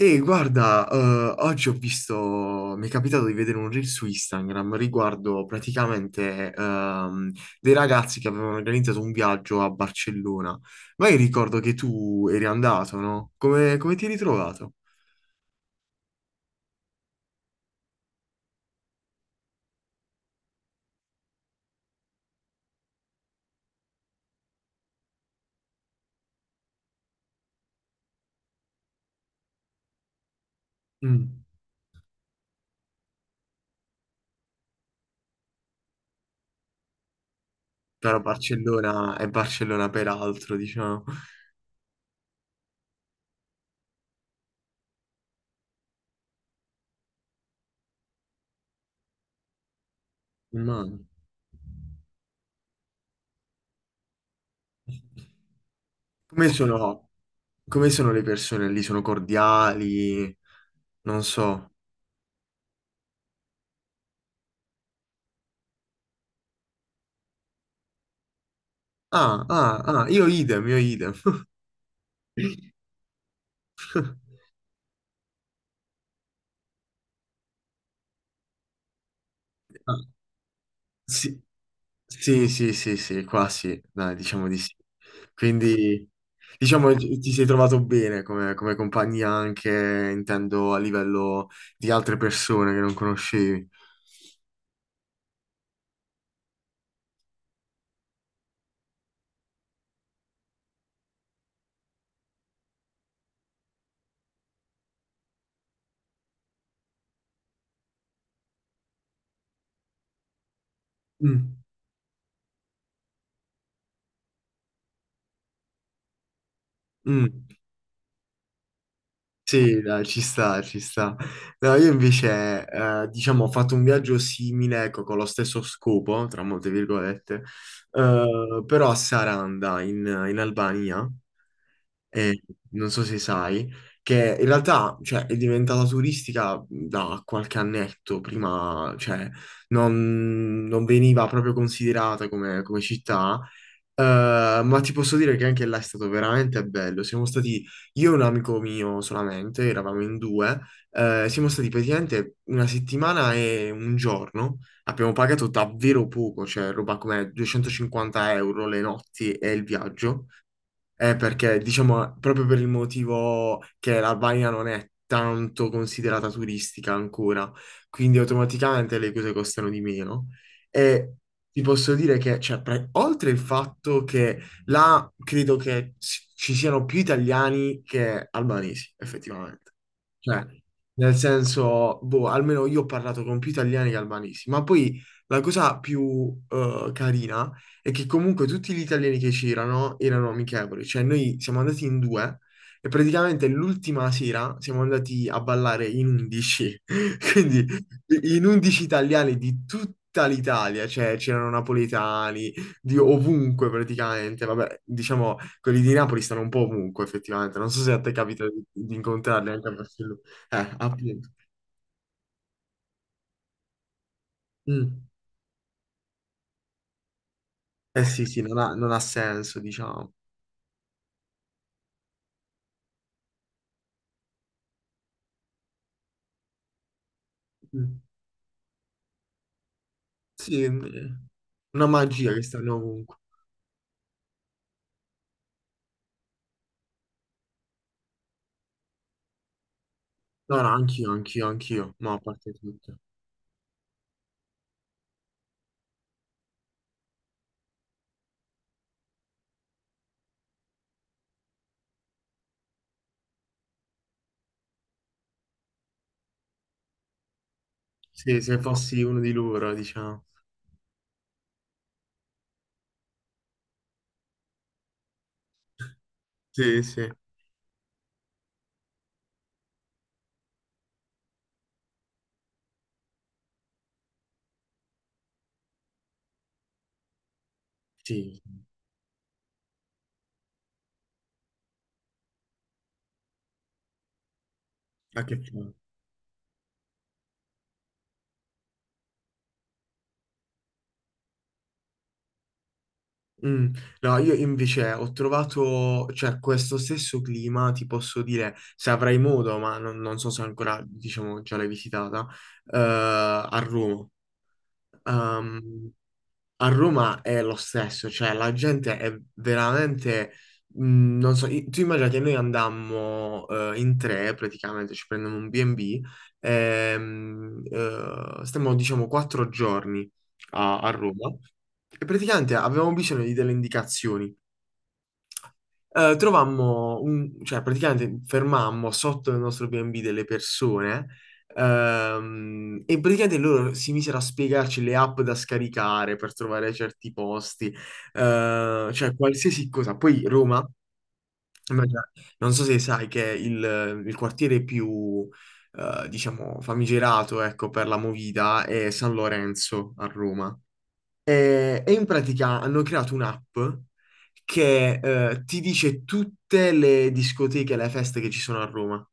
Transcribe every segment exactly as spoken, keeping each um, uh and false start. E guarda, eh, oggi ho visto, mi è capitato di vedere un reel su Instagram riguardo praticamente ehm, dei ragazzi che avevano organizzato un viaggio a Barcellona. Ma io ricordo che tu eri andato, no? Come, come ti eri ritrovato? Mm. Però Barcellona è Barcellona peraltro, diciamo. Ma- Come sono, come sono le persone lì? Sono cordiali? Non so. Ah, ah, ah, io idem, io idem. Ah, sì. Sì, sì, sì, sì, qua sì, dai, diciamo di sì. Quindi, diciamo, ti ti sei trovato bene come, come compagnia anche, intendo, a livello di altre persone che non conoscevi. Mm, mm. Sì, dai, ci sta, ci sta. No, io invece, eh, diciamo, ho fatto un viaggio simile, ecco, con lo stesso scopo, tra molte virgolette, eh, però a Saranda, in, in Albania. eh, Non so se sai, che in realtà, cioè, è diventata turistica mhmm, da qualche annetto, prima, cioè, non, non veniva proprio considerata come, come città, eh, ma ti posso dire che anche là è stato veramente bello. Siamo stati, io e un amico mio solamente, eravamo in due, eh, siamo stati praticamente una settimana e un giorno, abbiamo pagato davvero poco, cioè roba come duecentocinquanta euro le notti e il viaggio. Eh, perché diciamo proprio per il motivo che l'Albania non è tanto considerata turistica ancora, quindi automaticamente le cose costano di meno. E ti posso dire che, cioè, pre- oltre il fatto che là credo che ci ci siano più italiani che albanesi, effettivamente. Cioè, nel senso, boh, almeno io ho parlato con più italiani che albanesi, ma poi la cosa più eh, carina è che comunque tutti gli italiani che c'erano erano amichevoli, cioè noi siamo andati in due e praticamente l'ultima sera siamo andati a ballare in undici, quindi in undici italiani di tutta l'Italia, cioè c'erano napoletani di ovunque praticamente, vabbè, diciamo quelli di Napoli stanno un po' ovunque effettivamente, non so se a te capita di, di, incontrarli anche a Barcellona. Eh, appunto. Mm. Eh sì, sì, non ha, non ha senso, diciamo. Mm. Sì, eh, una magia che stanno ovunque. No, no, anch'io, anch'io, anch'io, ma a parte tutto. Sì, se fossi uno di loro, diciamo. Sì, sì. Sì, a che fine. Mm. No, io invece ho trovato, cioè, questo stesso clima, ti posso dire, se avrai modo, ma non, non so se ancora, diciamo, già l'hai visitata, eh, a Roma. Ehm, A Roma è lo stesso, cioè la gente è veramente, mh, non so, i- tu immagina che noi andammo eh, in tre praticamente, ci prendiamo un B and B, ehm, eh, stiamo diciamo quattro giorni a, a, Roma e praticamente avevamo bisogno di delle indicazioni, eh, trovammo, un- cioè praticamente fermammo sotto il nostro B and B delle persone ehm, e praticamente loro si misero a spiegarci le app da scaricare per trovare certi posti, eh, cioè qualsiasi cosa. Poi Roma, immagina- non so se sai che è il, il quartiere più, eh, diciamo, famigerato, ecco, per la movida è San Lorenzo a Roma. Eh, e in pratica hanno creato un'app che eh, ti dice tutte le discoteche, le feste che ci sono a Roma.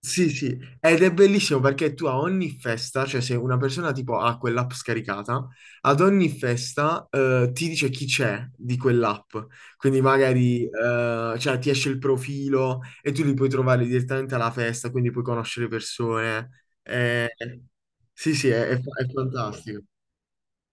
Sì, sì, ed è bellissimo perché tu a ogni festa, cioè se una persona tipo ha quell'app scaricata, ad ogni festa eh, ti dice chi c'è di quell'app. Quindi magari eh, cioè, ti esce il profilo e tu li puoi trovare direttamente alla festa, quindi puoi conoscere persone. Eh, sì, sì, è, è fa- è fantastico.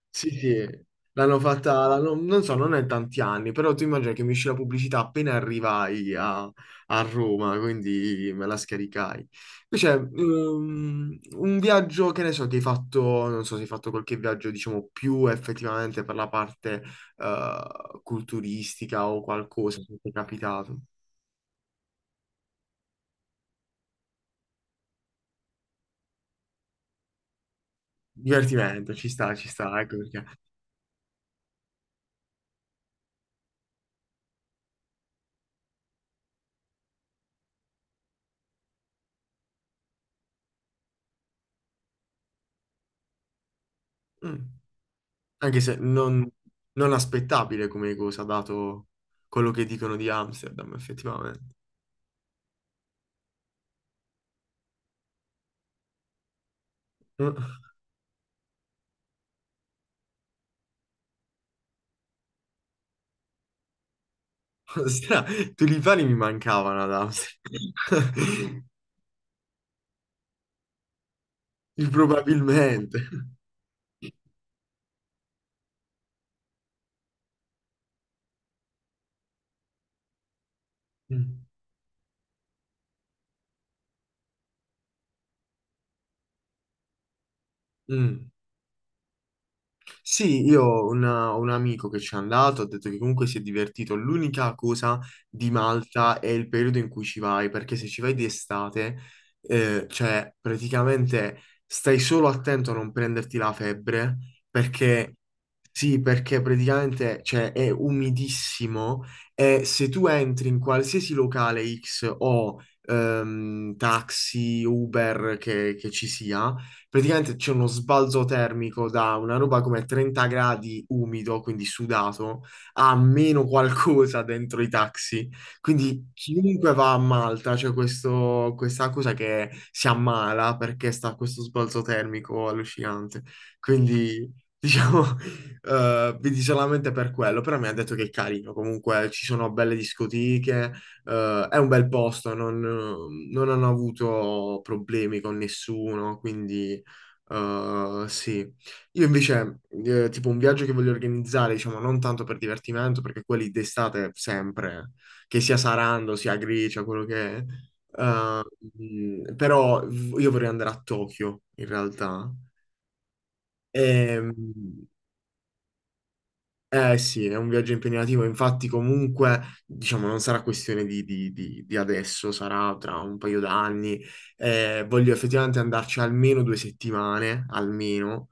Sì, sì, l'hanno fatta, l'hanno- non so, non è tanti anni, però tu immagina che mi uscì la pubblicità appena arrivai a, a Roma, quindi me la scaricai. Invece, ehm, un viaggio, che ne so, che hai fatto, non so se hai fatto qualche viaggio, diciamo, più effettivamente per la parte, eh, culturistica o qualcosa, se ti è capitato. Divertimento, ci sta, ci sta, ecco perché. Mm. Anche se non, non aspettabile come cosa, dato quello che dicono di Amsterdam, effettivamente. Eh, Stra- Tulipani mi mancavano ad Amsterdam. Probabilmente. Mm. Mm. Sì, io ho una- un amico che ci è andato, ha detto che comunque si è divertito. L'unica cosa di Malta è il periodo in cui ci vai, perché se ci vai di estate, eh, cioè praticamente stai solo attento a non prenderti la febbre, perché sì, perché praticamente cioè, è umidissimo e se tu entri in qualsiasi locale X o ehm, taxi, Uber che che ci sia, praticamente c'è uno sbalzo termico da una roba come 30 gradi umido, quindi sudato, a meno qualcosa dentro i taxi. Quindi chiunque va a Malta c'è questo- questa cosa che si ammala perché sta a questo sbalzo termico allucinante. Quindi diciamo, eh, vedi solamente per quello, però mi ha detto che è carino, comunque ci sono belle discoteche, eh, è un bel posto, non, non hanno avuto problemi con nessuno, quindi. Uh, sì, io invece, eh, tipo un viaggio che voglio organizzare, diciamo, non tanto per divertimento, perché quelli d'estate sempre, che sia Sarando, sia Grecia, quello che è. Mm. Uh, mh, però v- io vorrei andare a Tokyo, in realtà. E, mh, eh sì, è un viaggio impegnativo, infatti comunque, diciamo, non sarà questione di, di- di- di adesso, sarà tra un paio d'anni. Eh, voglio effettivamente andarci almeno due settimane, almeno.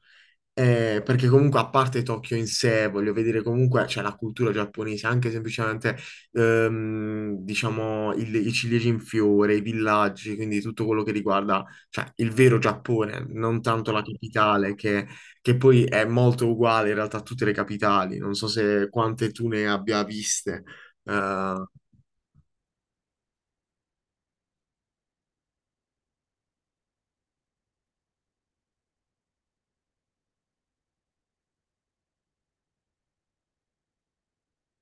Eh, perché comunque a parte Tokyo in sé, voglio vedere comunque, c'è la cultura giapponese, anche semplicemente, ehm, diciamo, il- i ciliegi in fiore, i villaggi, quindi tutto quello che riguarda, cioè, il vero Giappone, non tanto la capitale, che, che, poi è molto uguale in realtà a tutte le capitali, non so se quante tu ne abbia viste. Eh,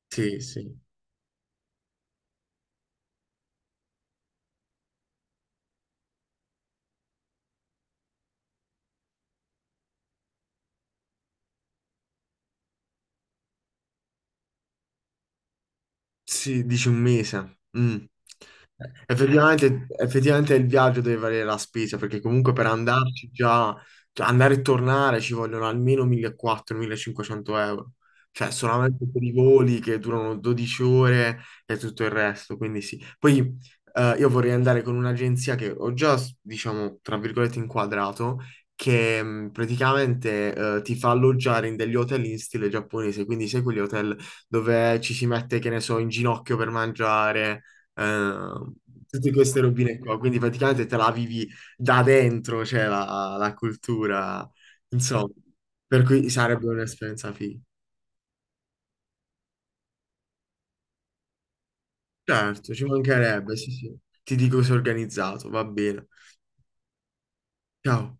sì, sì. Sì, dici un mese. Mm. Effettivamente, effettivamente il viaggio deve valere la spesa perché comunque per andarci già, cioè andare e tornare ci vogliono almeno millequattrocento-millecinquecento euro, cioè solamente per i voli che durano 12 ore e tutto il resto, quindi sì. Poi eh, io vorrei andare con un'agenzia che ho già, diciamo, tra virgolette inquadrato, che mh, praticamente eh, ti fa alloggiare in degli hotel in stile giapponese, quindi sai quegli hotel dove ci si mette, che ne so, in ginocchio per mangiare, eh, tutte queste robine qua. Quindi praticamente te la vivi da dentro, cioè la, la, cultura, insomma, per cui sarebbe un'esperienza figa. Certo, ci mancherebbe, sì, sì. Ti dico se è organizzato, va bene. Ciao.